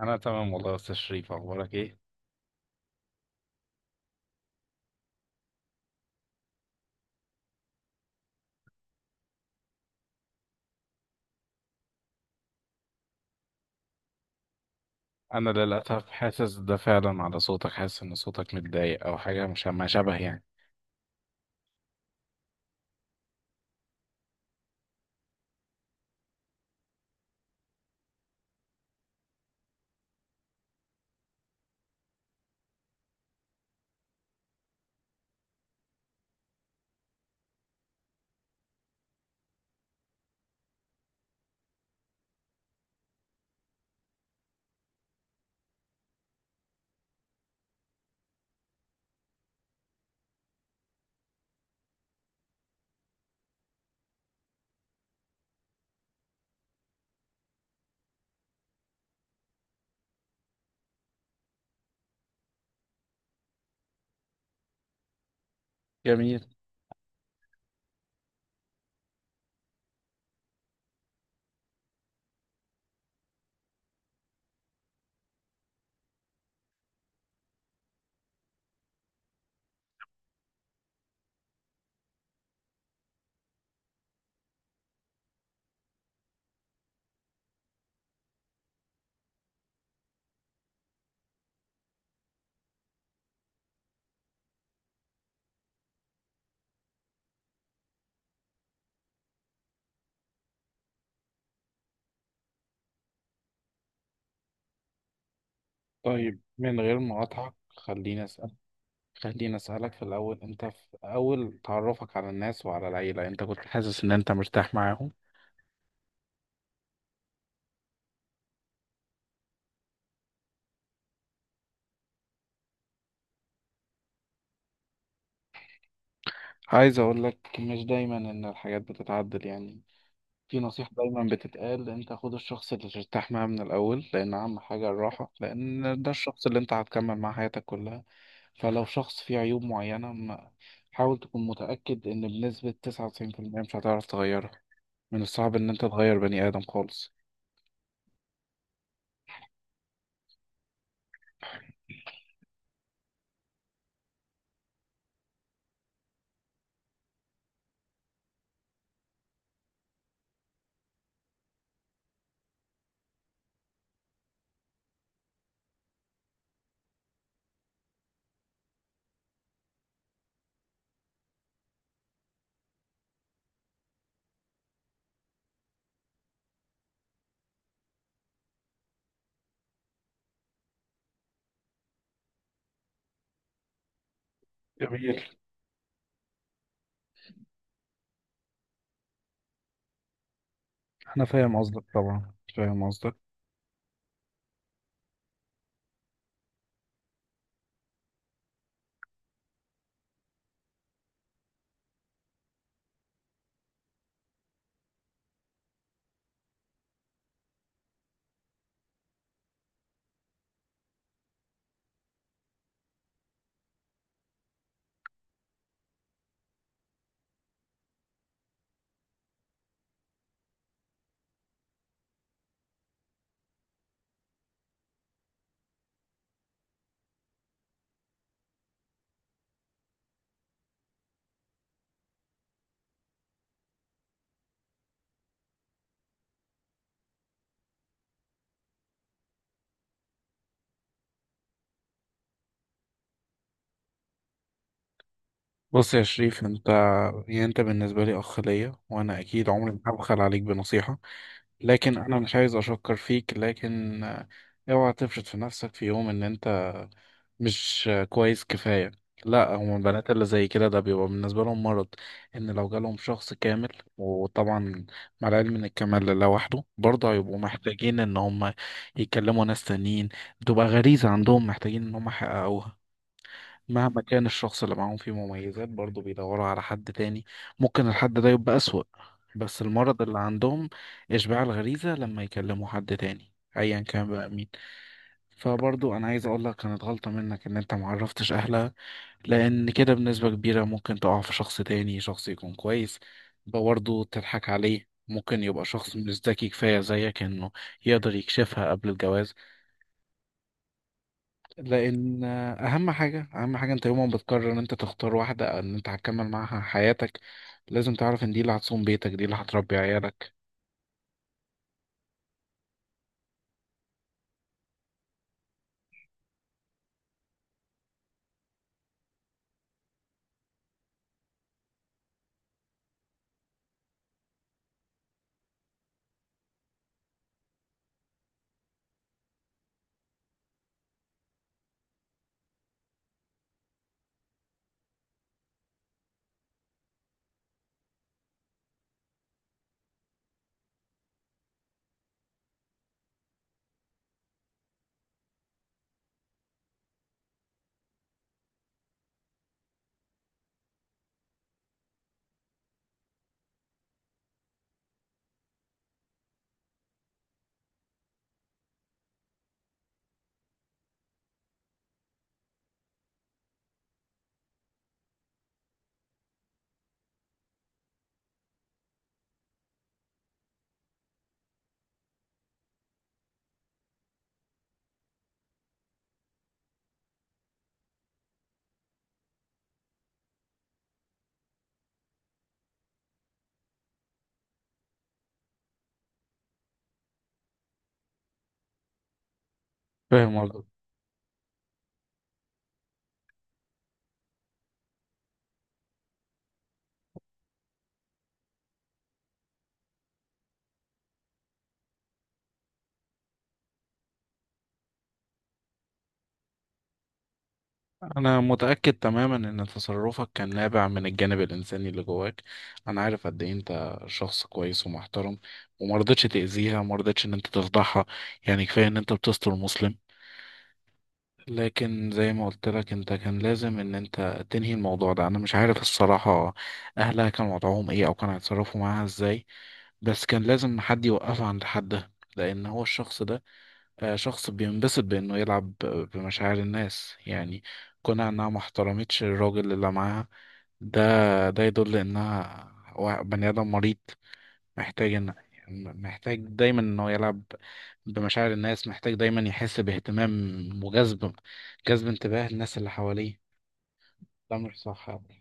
انا تمام والله يا استاذ شريف اخبارك ايه؟ انا للاسف حاسس ده فعلا على صوتك، حاسس ان صوتك متضايق او حاجه مش ما شبه يعني. جميل. طيب، من غير مقاطعة خليني اسالك في الاول، انت في اول تعرفك على الناس وعلى العيله انت كنت حاسس ان انت مرتاح معاهم؟ عايز اقول لك، مش دايما ان الحاجات بتتعدل يعني. في نصيحة دايما بتتقال، انت خد الشخص اللي ترتاح معاه من الأول، لأن أهم حاجة الراحة، لأن ده الشخص اللي انت هتكمل معاه حياتك كلها. فلو شخص فيه عيوب معينة حاول تكون متأكد إن بنسبة 99% مش هتعرف تغيرها. من الصعب إن انت تغير بني آدم خالص. جميل. أنا فاهم قصدك، طبعا فاهم قصدك. بص يا شريف، انت يعني انت بالنسبة لي اخ ليا، وانا اكيد عمري ما هبخل عليك بنصيحة. لكن انا مش عايز اشكر فيك، لكن اوعى تفرط في نفسك في يوم ان انت مش كويس كفاية. لا، هم البنات اللي زي كده ده بيبقى بالنسبة لهم مرض، ان لو جالهم شخص كامل. وطبعا، مع العلم ان الكمال لوحده، برضه هيبقوا محتاجين ان هم يكلموا ناس تانيين. بتبقى غريزة عندهم محتاجين ان هم يحققوها. مهما كان الشخص اللي معاهم فيه مميزات، برضه بيدوروا على حد تاني. ممكن الحد ده يبقى أسوأ، بس المرض اللي عندهم إشباع الغريزة، لما يكلموا حد تاني أيا كان بقى. فبرضو انا عايز اقول لك، كانت غلطة منك ان انت معرفتش اهلها، لان كده بنسبة كبيرة ممكن تقع في شخص تاني، شخص يكون كويس برضو تضحك عليه. ممكن يبقى شخص مش ذكي كفاية زيك، انه يقدر يكشفها قبل الجواز. لان اهم حاجة، اهم حاجة، انت يوم ما بتقرر ان انت تختار واحدة او ان انت هتكمل معاها حياتك، لازم تعرف ان دي اللي هتصوم بيتك، دي اللي هتربي عيالك. فاهم. أنا متأكد تماما إن تصرفك كان نابع من الجانب الإنساني اللي جواك. أنا عارف قد إيه أنت شخص كويس ومحترم، ومرضتش تأذيها، مرضتش إن أنت تفضحها. يعني كفاية إن أنت بتستر مسلم. لكن زي ما قلت لك، أنت كان لازم إن أنت تنهي الموضوع ده. أنا مش عارف الصراحة أهلها كان وضعهم إيه أو كانوا هيتصرفوا معاها إزاي، بس كان لازم حد يوقفها عند حدها. لأن هو الشخص ده شخص بينبسط بإنه يلعب بمشاعر الناس يعني. كونها إنها ما احترمتش الراجل اللي معاها ده، ده يدل إنها بني آدم مريض، محتاج إن محتاج دايما إنه يلعب بمشاعر الناس، محتاج دايما يحس باهتمام وجذب جذب انتباه الناس اللي حواليه. ده مش صح أبدا.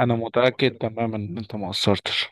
أنا متأكد تماما إن أنت ما قصرتش.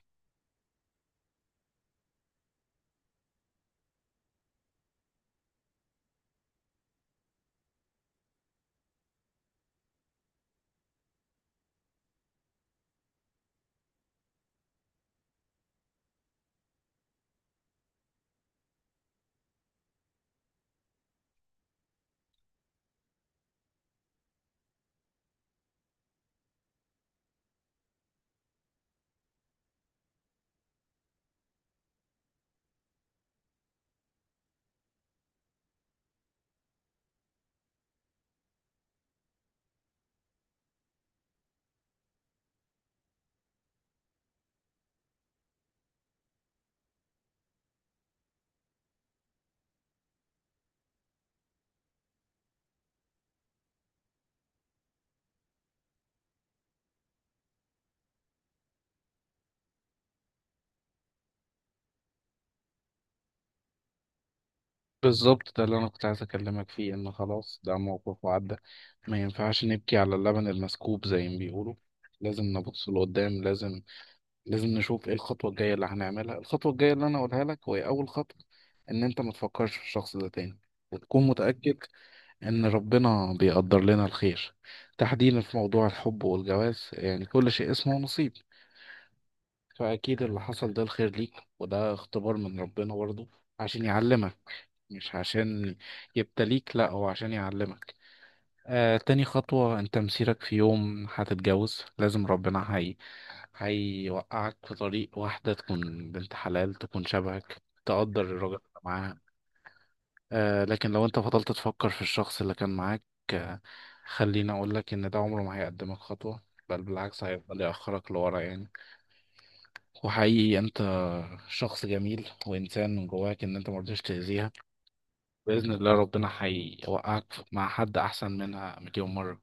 بالظبط، ده اللي انا كنت عايز اكلمك فيه، ان خلاص ده موقف وعدى. ما ينفعش نبكي على اللبن المسكوب زي ما بيقولوا. لازم نبص لقدام، لازم نشوف ايه الخطوه الجايه اللي هنعملها. الخطوه الجايه اللي انا اقولها لك، وهي اول خطوه، ان انت ما تفكرش في الشخص ده تاني، وتكون متاكد ان ربنا بيقدر لنا الخير. تحديدا في موضوع الحب والجواز يعني كل شيء اسمه نصيب. فأكيد اللي حصل ده الخير ليك، وده اختبار من ربنا برضه عشان يعلمك، مش عشان يبتليك، لا، هو عشان يعلمك. تاني خطوة، انت مسيرك في يوم هتتجوز، لازم ربنا هيوقعك في طريق واحدة تكون بنت حلال، تكون شبهك، تقدر الراجل اللي معاها. لكن لو انت فضلت تفكر في الشخص اللي كان معاك، آه خليني اقولك ان ده عمره ما هيقدمك خطوة، بل بالعكس هيفضل يأخرك لورا يعني. وحقيقي انت شخص جميل وانسان من جواك، ان انت ما رضيتش تاذيها. باذن الله ربنا هيوقعك مع حد احسن منها مليون مره.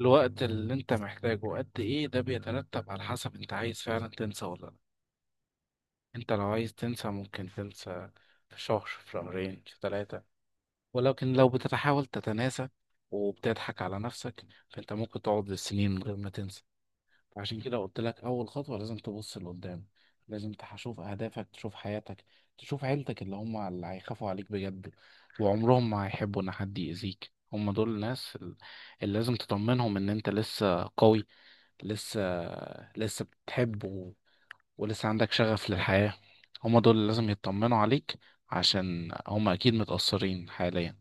الوقت اللي انت محتاجه قد ايه، ده بيترتب على حسب انت عايز فعلا تنسى ولا لا. انت لو عايز تنسى، ممكن تنسى في شهر، في شهرين، في ثلاثة. ولكن لو بتحاول تتناسى وبتضحك على نفسك، فانت ممكن تقعد بالسنين من غير ما تنسى. عشان كده قلت لك اول خطوه لازم تبص لقدام، لازم تشوف اهدافك، تشوف حياتك، تشوف عيلتك، اللي هم اللي هيخافوا عليك بجد، وعمرهم ما هيحبوا ان حد يأذيك. هم دول الناس اللي لازم تطمنهم ان انت لسه قوي، لسه لسه بتحب ولسه عندك شغف للحياه. هم دول اللي لازم يطمنوا عليك، عشان هم اكيد متأثرين حاليا.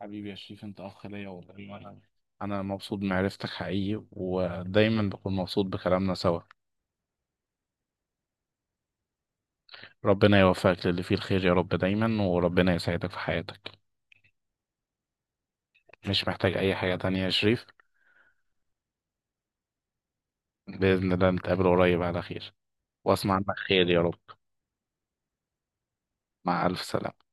حبيبي يا شريف، انت اخ ليا والله. أنا مبسوط بمعرفتك حقيقي، ودايما بكون مبسوط بكلامنا سوا. ربنا يوفقك للي فيه الخير يا رب دايما، وربنا يسعدك في حياتك. مش محتاج أي حاجة تانية يا شريف. بإذن الله نتقابل قريب على خير، وأسمع عنك خير يا رب. مع ألف سلامة.